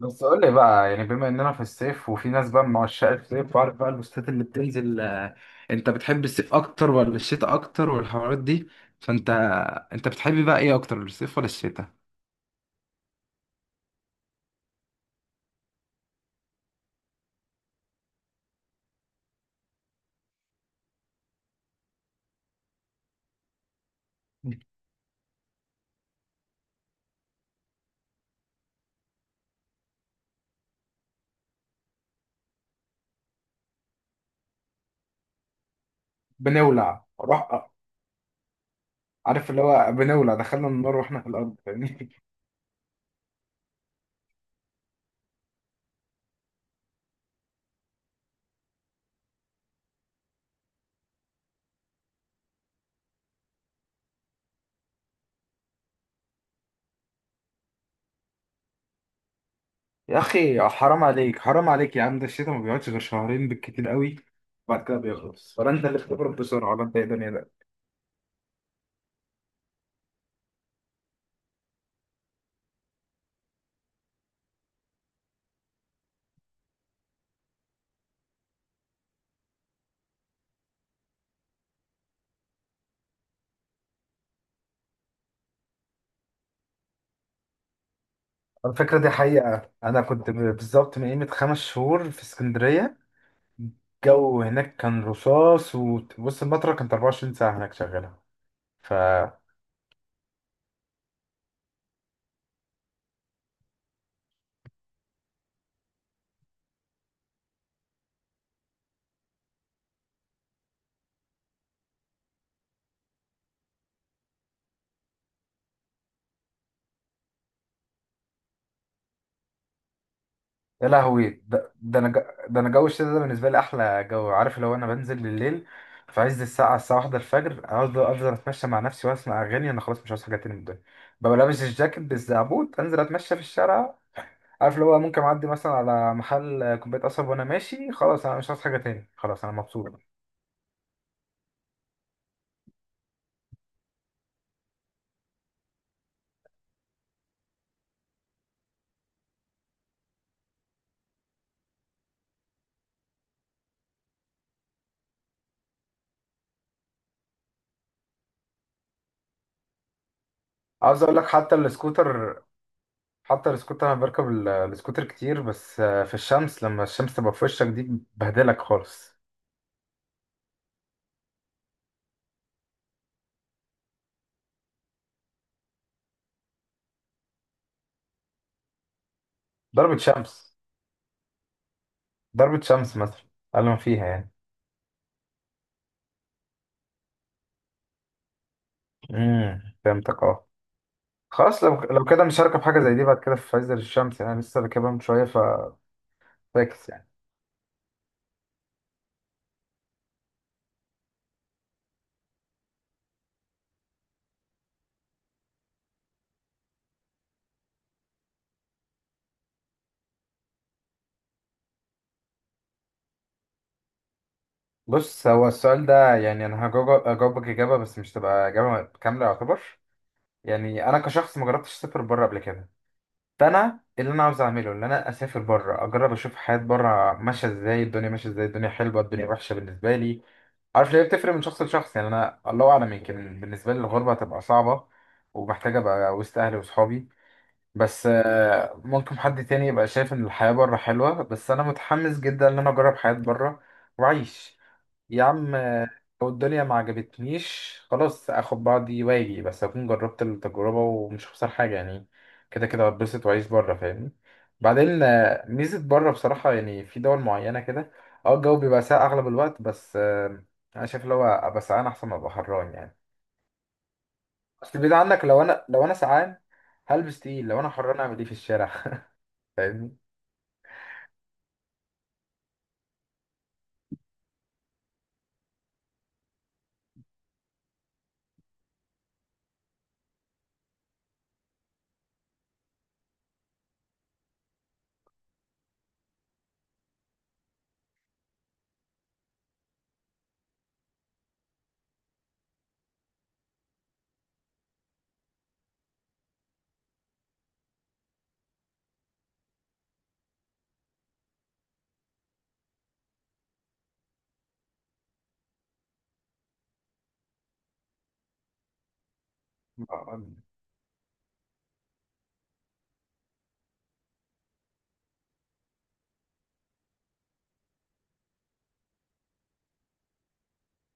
بس قول لي بقى، يعني بما اننا في الصيف وفي ناس بقى من عشاق الصيف، وعارف بقى البوستات اللي بتنزل، انت بتحب الصيف اكتر ولا الشتاء اكتر والحوارات دي؟ فانت بتحب بقى ايه اكتر، الصيف ولا الشتاء؟ بنولع روح. عارف اللي هو بنولع، دخلنا النار واحنا في الارض، فاهمني؟ يا اخي حرام عليك حرام عليك يا عم، ده الشتاء ما بيقعدش غير شهرين بالكتير قوي، وبعد كده بيخلص. ولا انت اللي بتبرد بسرعه، ولا انت ايه الدنيا ده؟ الفكرة دي حقيقة، أنا كنت بالظبط من قيمة 5 شهور في اسكندرية. الجو هناك كان رصاص، وبص المطرة كانت 24 ساعة هناك شغالة. ف يا لهوي، ده انا جو الشتا ده بالنسبة لي احلى جو. عارف، لو انا بنزل بالليل في عز الساعة واحدة الفجر، اقعد افضل اتمشى مع نفسي واسمع اغاني، انا خلاص مش عاوز حاجة تاني من الدنيا. ببقى لابس الجاكيت بالزعبوت، انزل اتمشى في الشارع. عارف اللي هو، ممكن اعدي مثلا على محل كوباية قصب وانا ماشي، خلاص انا مش عاوز حاجة تاني، خلاص انا مبسوط. عاوز اقول لك حتى السكوتر، انا بركب السكوتر كتير، بس في الشمس لما الشمس تبقى في وشك دي بهدلك خالص. ضربة شمس. مثلا، اقل ما فيها يعني. فهمتك، اه. خلاص لو كده، مش هركب حاجة زي دي بعد كده في عز الشمس، يعني أنا لسه راكبها من شوية ففاكس يعني. بص، هو السؤال ده يعني، انا هجاوبك اجابة، بس مش تبقى اجابة كاملة يعتبر. يعني انا كشخص ما جربتش اسافر بره قبل كده، فانا اللي انا عاوز اعمله ان انا اسافر بره، اجرب اشوف حياه بره ماشيه ازاي، الدنيا ماشيه ازاي، الدنيا حلوه الدنيا وحشه بالنسبه لي. عارف ليه؟ بتفرق من شخص لشخص. يعني انا الله اعلم، يمكن بالنسبه لي الغربه هتبقى صعبه ومحتاجه ابقى وسط اهلي وصحابي. بس ممكن حد تاني يبقى شايف ان الحياه بره حلوه، بس انا متحمس جدا ان انا اجرب حياه بره واعيش. يا عم، لو الدنيا ما عجبتنيش خلاص اخد بعضي واجي، بس اكون جربت التجربة ومش هخسر حاجة يعني. كده كده هتبسط واعيش بره، فاهمني. بعدين ميزة بره بصراحة، يعني في دول معينة كده، اه الجو بيبقى ساقع اغلب الوقت. بس انا شايف اللي هو، ابقى سقعان احسن ما ابقى حران يعني. اصل البيت عندك، لو انا سقعان هلبس تقيل، لو انا حران اعمل ايه في الشارع؟ فاهمني.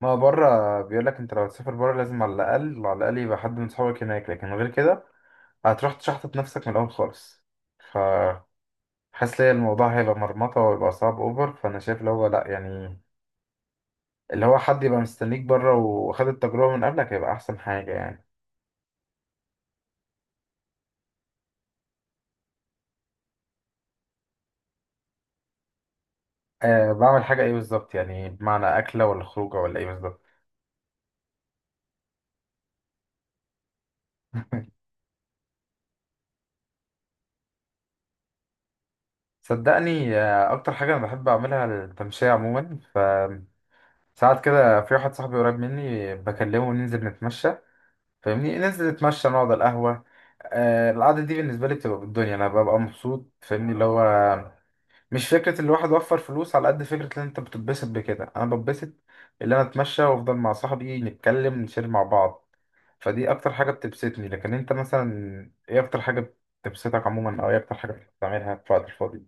ما هو بره بيقول لك، انت لو هتسافر بره لازم على الاقل على الاقل يبقى حد من صحابك هناك، لكن غير كده هتروح تشحطط نفسك من الأول خالص. ف حاسس ليا الموضوع هيبقى مرمطة ويبقى صعب أوفر، فأنا شايف اللي هو لأ يعني. اللي هو حد يبقى مستنيك بره وخد التجربة من قبلك هيبقى أحسن حاجة يعني. أه بعمل حاجة إيه بالظبط، يعني بمعنى أكلة ولا خروجة ولا إيه بالظبط؟ صدقني، أكتر حاجة أنا بحب أعملها التمشية عموما. ف ساعات كده، في واحد صاحبي قريب مني بكلمه ننزل نتمشى، فاهمني؟ ننزل نتمشى نقعد على القهوة. القعدة دي بالنسبة لي بتبقى بالدنيا، أنا ببقى مبسوط، فاهمني؟ اللي هو مش فكرة الواحد وفر فلوس، على قد فكرة ان انت بتتبسط بكده، انا بتبسط اللي انا اتمشى وافضل مع صاحبي نتكلم نشير مع بعض. فدي اكتر حاجة بتبسطني. لكن انت مثلا، ايه اكتر حاجة بتبسطك عموما، او ايه اكتر حاجة بتعملها في وقت الفاضي؟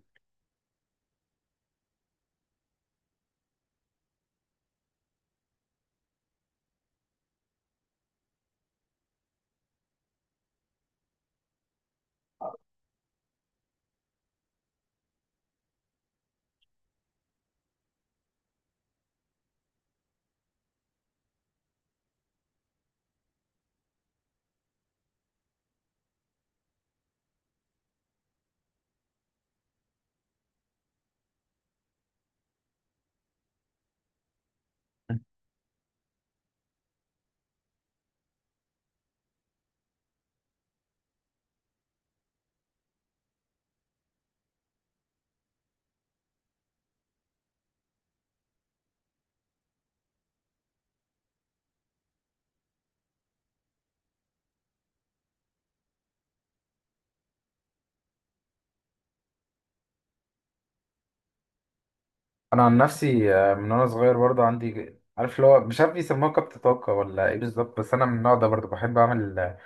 انا عن نفسي، من وانا صغير برضه عندي، عارف اللي هو، مش عارف بيسموها كبت طاقة ولا ايه بالظبط، بس انا من النوع ده برضه، بحب اعمل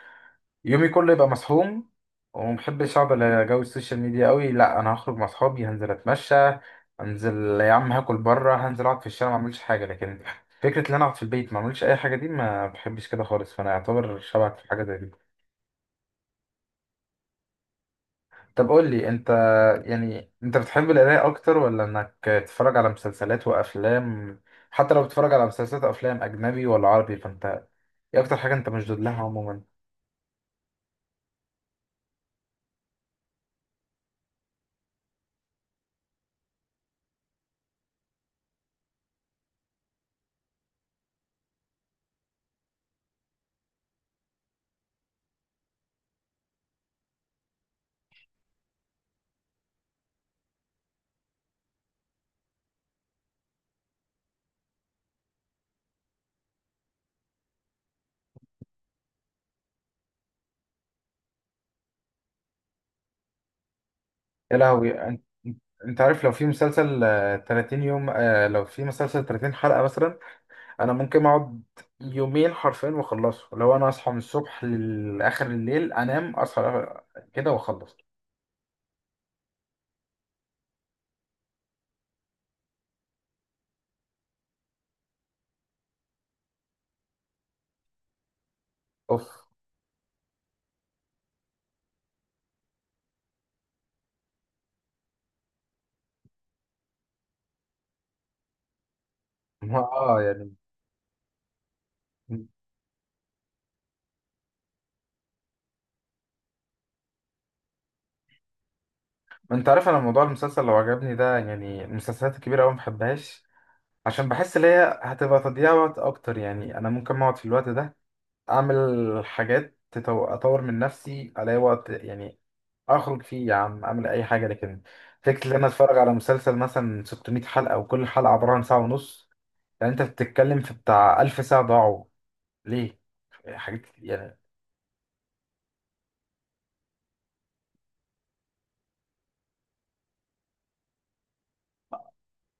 يومي كله يبقى مسحوم. ومحبش اقعد على جو السوشيال ميديا قوي، لا انا هخرج مع اصحابي، هنزل اتمشى، هنزل يا عم هاكل بره، هنزل اقعد في الشارع ما اعملش حاجه، لكن فكره ان انا اقعد في البيت ما اعملش اي حاجه دي، ما بحبش كده خالص. فانا اعتبر شبهك في حاجه زي دي. طب قول لي انت، يعني انت بتحب القرايه اكتر ولا انك تتفرج على مسلسلات وافلام؟ حتى لو بتتفرج على مسلسلات وافلام، اجنبي ولا عربي؟ فانت ايه اكتر حاجه انت مشدود لها عموما؟ يا لهوي انت، انت عارف لو في مسلسل 30 يوم، لو في مسلسل 30 حلقة مثلا، انا ممكن اقعد يومين حرفيا واخلصه. لو انا اصحى من الصبح لاخر الليل، انام اصحى كده واخلص. اوف. اه يعني، ما انت عارف انا موضوع المسلسل لو عجبني ده، يعني المسلسلات الكبيرة أوي ما بحبهاش، عشان بحس ان هي هتبقى تضييع وقت اكتر. يعني انا ممكن اقعد في الوقت ده اعمل حاجات اطور من نفسي، الاقي وقت يعني اخرج فيه، يا عم اعمل اي حاجه. لكن فكره ان انا اتفرج على مسلسل مثلا 600 حلقه، وكل حلقه عباره عن ساعه ونص، يعني انت بتتكلم في بتاع 1000 ساعه ضاعوا ليه؟ حاجات يعني.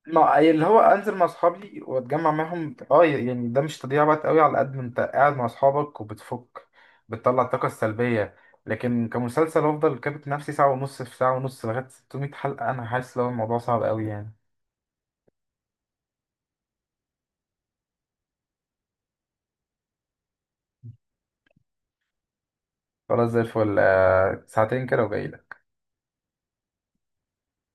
ما أي اللي هو، انزل مع اصحابي واتجمع معاهم، اه يعني ده مش تضييع وقت قوي، على قد ما انت قاعد مع اصحابك وبتفك بتطلع الطاقه السلبيه. لكن كمسلسل، افضل كابت نفسي ساعه ونص في ساعه ونص لغايه 600 حلقه، انا حاسس لو الموضوع صعب قوي يعني. خلاص زي الفل، ساعتين كده وجاي.